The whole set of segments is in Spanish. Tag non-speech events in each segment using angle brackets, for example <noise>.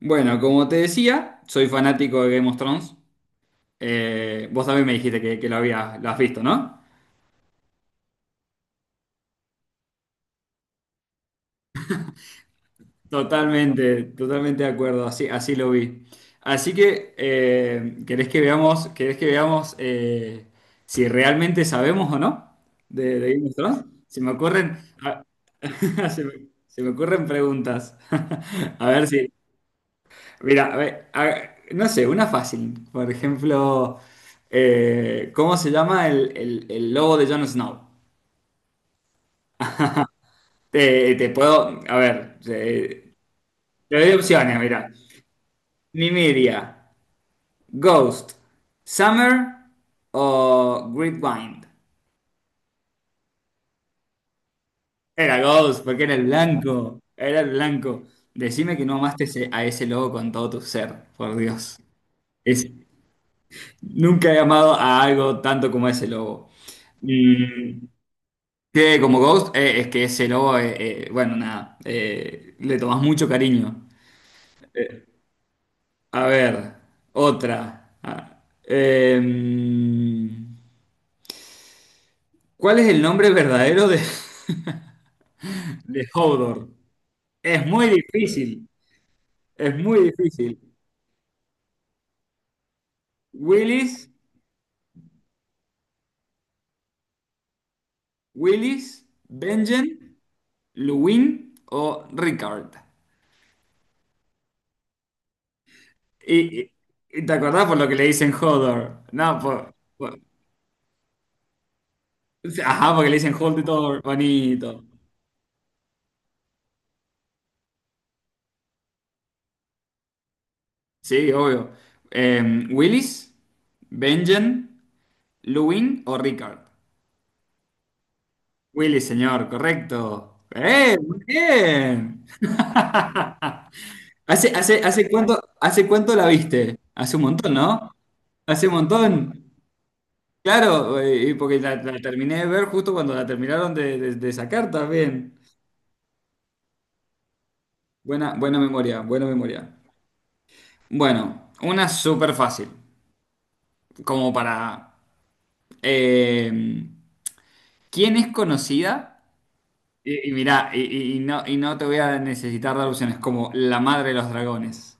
Bueno, como te decía, soy fanático de Game of Thrones. Vos también me dijiste que lo habías, lo has visto, ¿no? Totalmente, totalmente de acuerdo, así, así lo vi. Así que, querés que veamos si realmente sabemos o no de Game of Thrones? Se me ocurren, <laughs> se me ocurren preguntas. <laughs> A ver si, mira, a ver, no sé, una fácil. Por ejemplo, ¿cómo se llama el logo de Jon Snow? Te puedo, a ver, te doy opciones, mira. Nymeria, Ghost, Summer o Gridwind. Era Ghost, porque era el blanco, era el blanco. Decime que no amaste a ese lobo con todo tu ser, por Dios. Es, nunca he amado a algo tanto como a ese logo. Mm, sí, como Ghost, es que ese lobo, bueno, nada, le tomás mucho cariño. A ver, otra. Ah, em, ¿cuál es el nombre verdadero de, <laughs> de Hodor? Es muy difícil, es muy difícil. ¿Willis, Willis, Benjen, Luwin o Rickard? Y, y- y te acordás por lo que le dicen Hodor, no, por- ajá, porque le dicen Hodor, bonito. Sí, obvio. Eh, ¿Willis, Benjen, Lewin o Rickard? Willis, señor, correcto. ¡Eh! ¡Muy bien! <laughs> ¿Hace cuánto la viste? Hace un montón, ¿no? Hace un montón. Claro, y porque la terminé de ver justo cuando la terminaron de, de sacar también. Buena, buena memoria, buena memoria. Bueno, una súper fácil, como para... eh, ¿quién es conocida? Y mirá, y no te voy a necesitar dar opciones, como la madre de los dragones.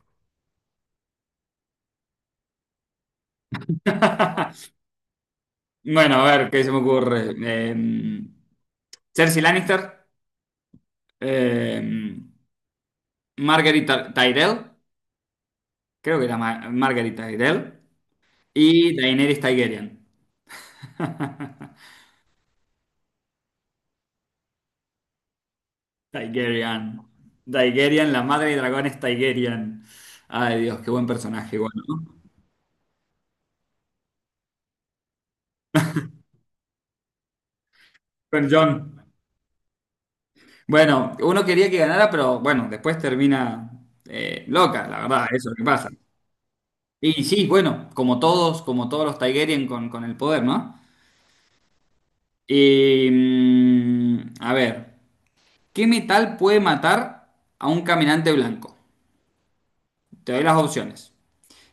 Bueno, a ver, ¿qué se me ocurre? Cersei Lannister, eh, Tyrell, creo que era Margaery Tyrell, y Daenerys Targaryen. <laughs> Targaryen. Targaryen, la madre de dragones Targaryen. Ay, Dios, qué buen personaje, bueno, ¿no? Con Jon. Bueno, uno quería que ganara, pero bueno, después termina loca, la verdad, eso es lo que pasa. Y sí, bueno, como todos los Targaryen con el poder, ¿no? A ver, ¿qué metal puede matar a un caminante blanco? Te doy las opciones.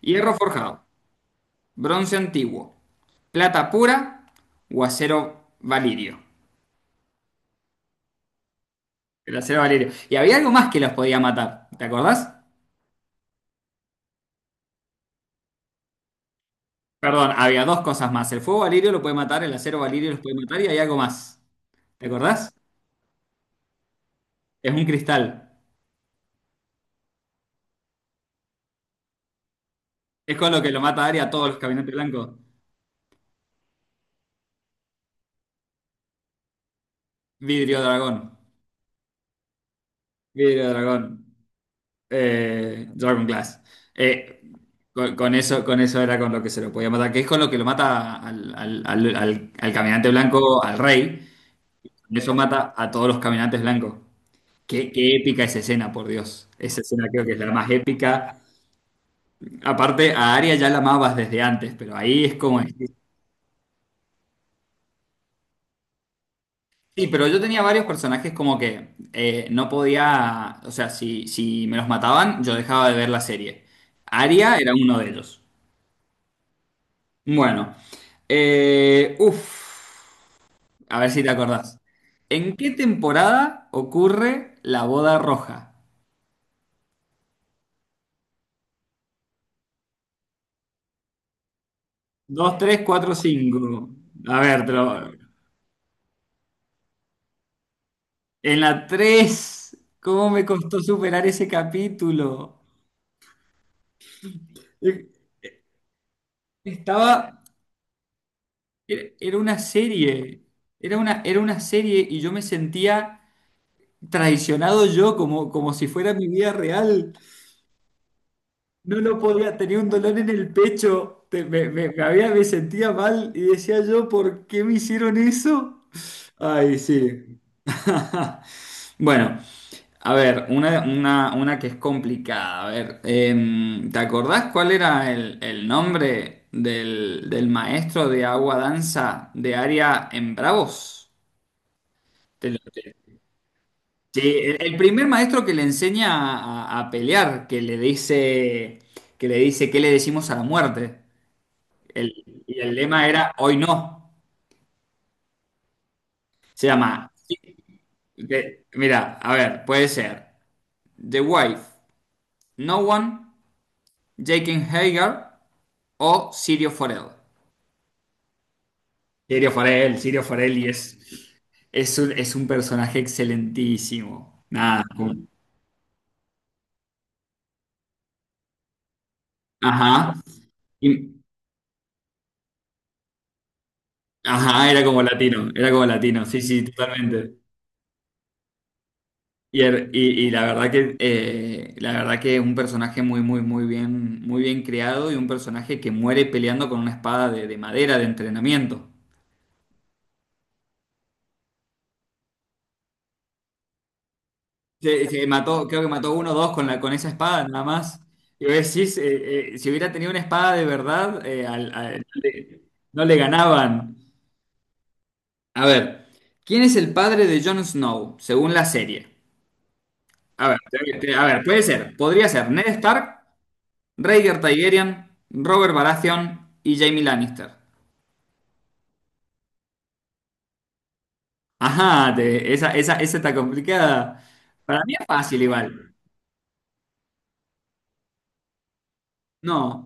Hierro forjado, bronce antiguo, plata pura o acero valirio. El acero valirio. Y había algo más que los podía matar, ¿te acordás? Perdón, había dos cosas más. El fuego valirio lo puede matar, el acero valirio los puede matar y hay algo más. ¿Te acordás? Es un cristal. Es con lo que lo mata Arya a todos los caminantes blancos. Vidrio Dragón. Vidrio Dragón. Dragon Glass. Eh, con eso, con eso era con lo que se lo podía matar, que es con lo que lo mata al caminante blanco, al rey. Con eso mata a todos los caminantes blancos. Qué, qué épica esa escena, por Dios. Esa escena creo que es la más épica. Aparte, a Arya ya la amabas desde antes, pero ahí es como sí, pero yo tenía varios personajes como que no podía, o sea, si me los mataban, yo dejaba de ver la serie. Aria era uno de ellos. Bueno, eh, uff, a ver si te acordás. ¿En qué temporada ocurre la boda roja? 2, 3, 4, 5. A ver, en la 3. ¿Cómo me costó superar ese capítulo? Estaba Era, era una serie y yo me sentía traicionado yo como, como si fuera mi vida real. No lo podía, tenía un dolor en el pecho, me sentía mal y decía yo, ¿por qué me hicieron eso? Ay, sí. <laughs> Bueno, a ver, una que es complicada. A ver, ¿te acordás cuál era el nombre del maestro de agua danza de área en Bravos? Te lo- te- Sí, el primer maestro que le enseña a, a pelear, que le dice, ¿qué le decimos a la muerte? El- y el lema era, hoy no. Se llama, de- mira, a ver, puede ser The Wife, No One, Jake and Hager o Sirio Forel. Sirio Forel, Sirio Forel, y es un personaje excelentísimo. Nada, como- ajá, Y- ajá, era como latino, sí, sí, totalmente. Y, y la verdad que un personaje muy muy muy bien creado y un personaje que muere peleando con una espada de madera de entrenamiento. Se mató, creo que mató uno o dos con la con esa espada nada más. Y vos decís, si hubiera tenido una espada de verdad, no le, no le ganaban. A ver, ¿quién es el padre de Jon Snow según la serie? A ver, a ver, puede ser, podría ser Ned Stark, Rhaegar Targaryen, Robert Baratheon y Jaime Lannister. Ajá, esa, esa, esa está complicada. Para mí es fácil igual. No,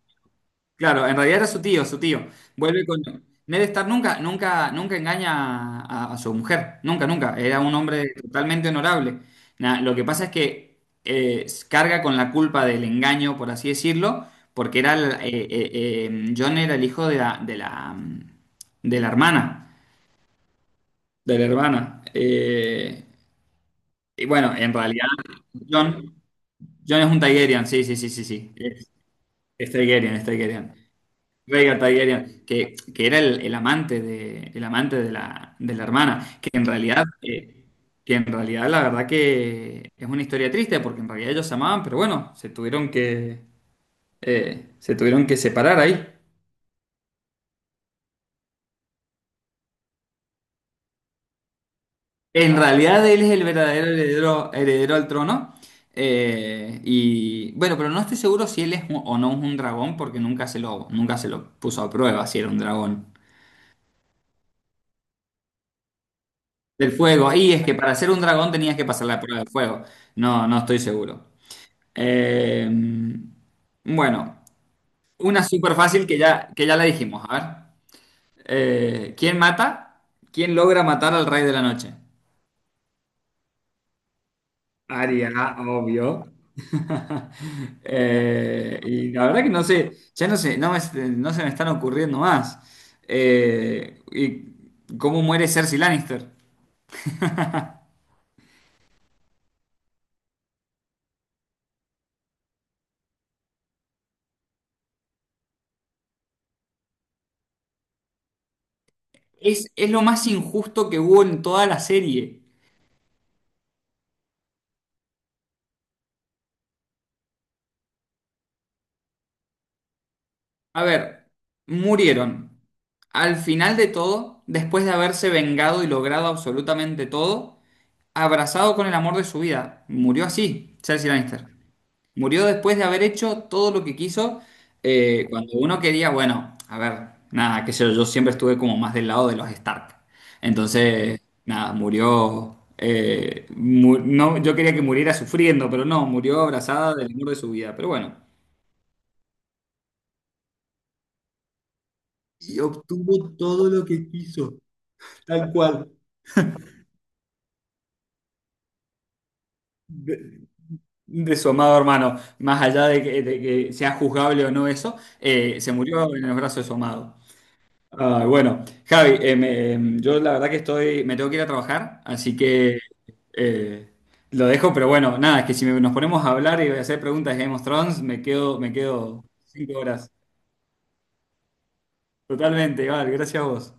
claro, en realidad era su tío, su tío. Vuelve con... Ned Stark nunca, nunca, nunca engaña a su mujer, nunca, nunca. Era un hombre totalmente honorable. Lo que pasa es que carga con la culpa del engaño, por así decirlo, porque era Jon era el hijo de la hermana, de la hermana. Y bueno, en realidad, John... Jon es un Targaryen, sí, sí, sí, sí, sí. Es Targaryen, es Targaryen. Rhaegar Targaryen, que era el amante de la hermana, que en realidad la verdad que es una historia triste, porque en realidad ellos se amaban, pero bueno, se tuvieron que separar ahí. En realidad él es el verdadero heredero, heredero al trono. Y bueno, pero no estoy seguro si él es un- o no es un dragón, porque nunca se lo, nunca se lo puso a prueba si era un dragón. Del fuego. Y es que para ser un dragón tenías que pasar la prueba del fuego. No, no estoy seguro. Eh, bueno, una súper fácil que ya la dijimos. A ver. ¿Quién mata? ¿Quién logra matar al rey de la noche? Aria, obvio. <laughs> Y la verdad que no sé, ya no sé, no, no se me están ocurriendo más. ¿Y cómo muere Cersei Lannister? Es lo más injusto que hubo en toda la serie. A ver, murieron. Al final de todo, después de haberse vengado y logrado absolutamente todo, abrazado con el amor de su vida, murió así, Cersei Lannister. Murió después de haber hecho todo lo que quiso, cuando uno quería, bueno, a ver, nada, qué sé yo, yo siempre estuve como más del lado de los Stark. Entonces, nada, murió, no, yo quería que muriera sufriendo, pero no, murió abrazada del amor de su vida, pero bueno. Y obtuvo todo lo que quiso. Tal cual. De, de su amado hermano, más allá de de que sea juzgable o no eso, se murió en los brazos de su amado. Ah, bueno, Javi, yo la verdad que estoy, me tengo que ir a trabajar, así que eh, lo dejo, pero bueno, nada, es que si me- nos ponemos a hablar y a hacer preguntas de Game of Thrones, me quedo 5 horas. Totalmente, Val, gracias a vos.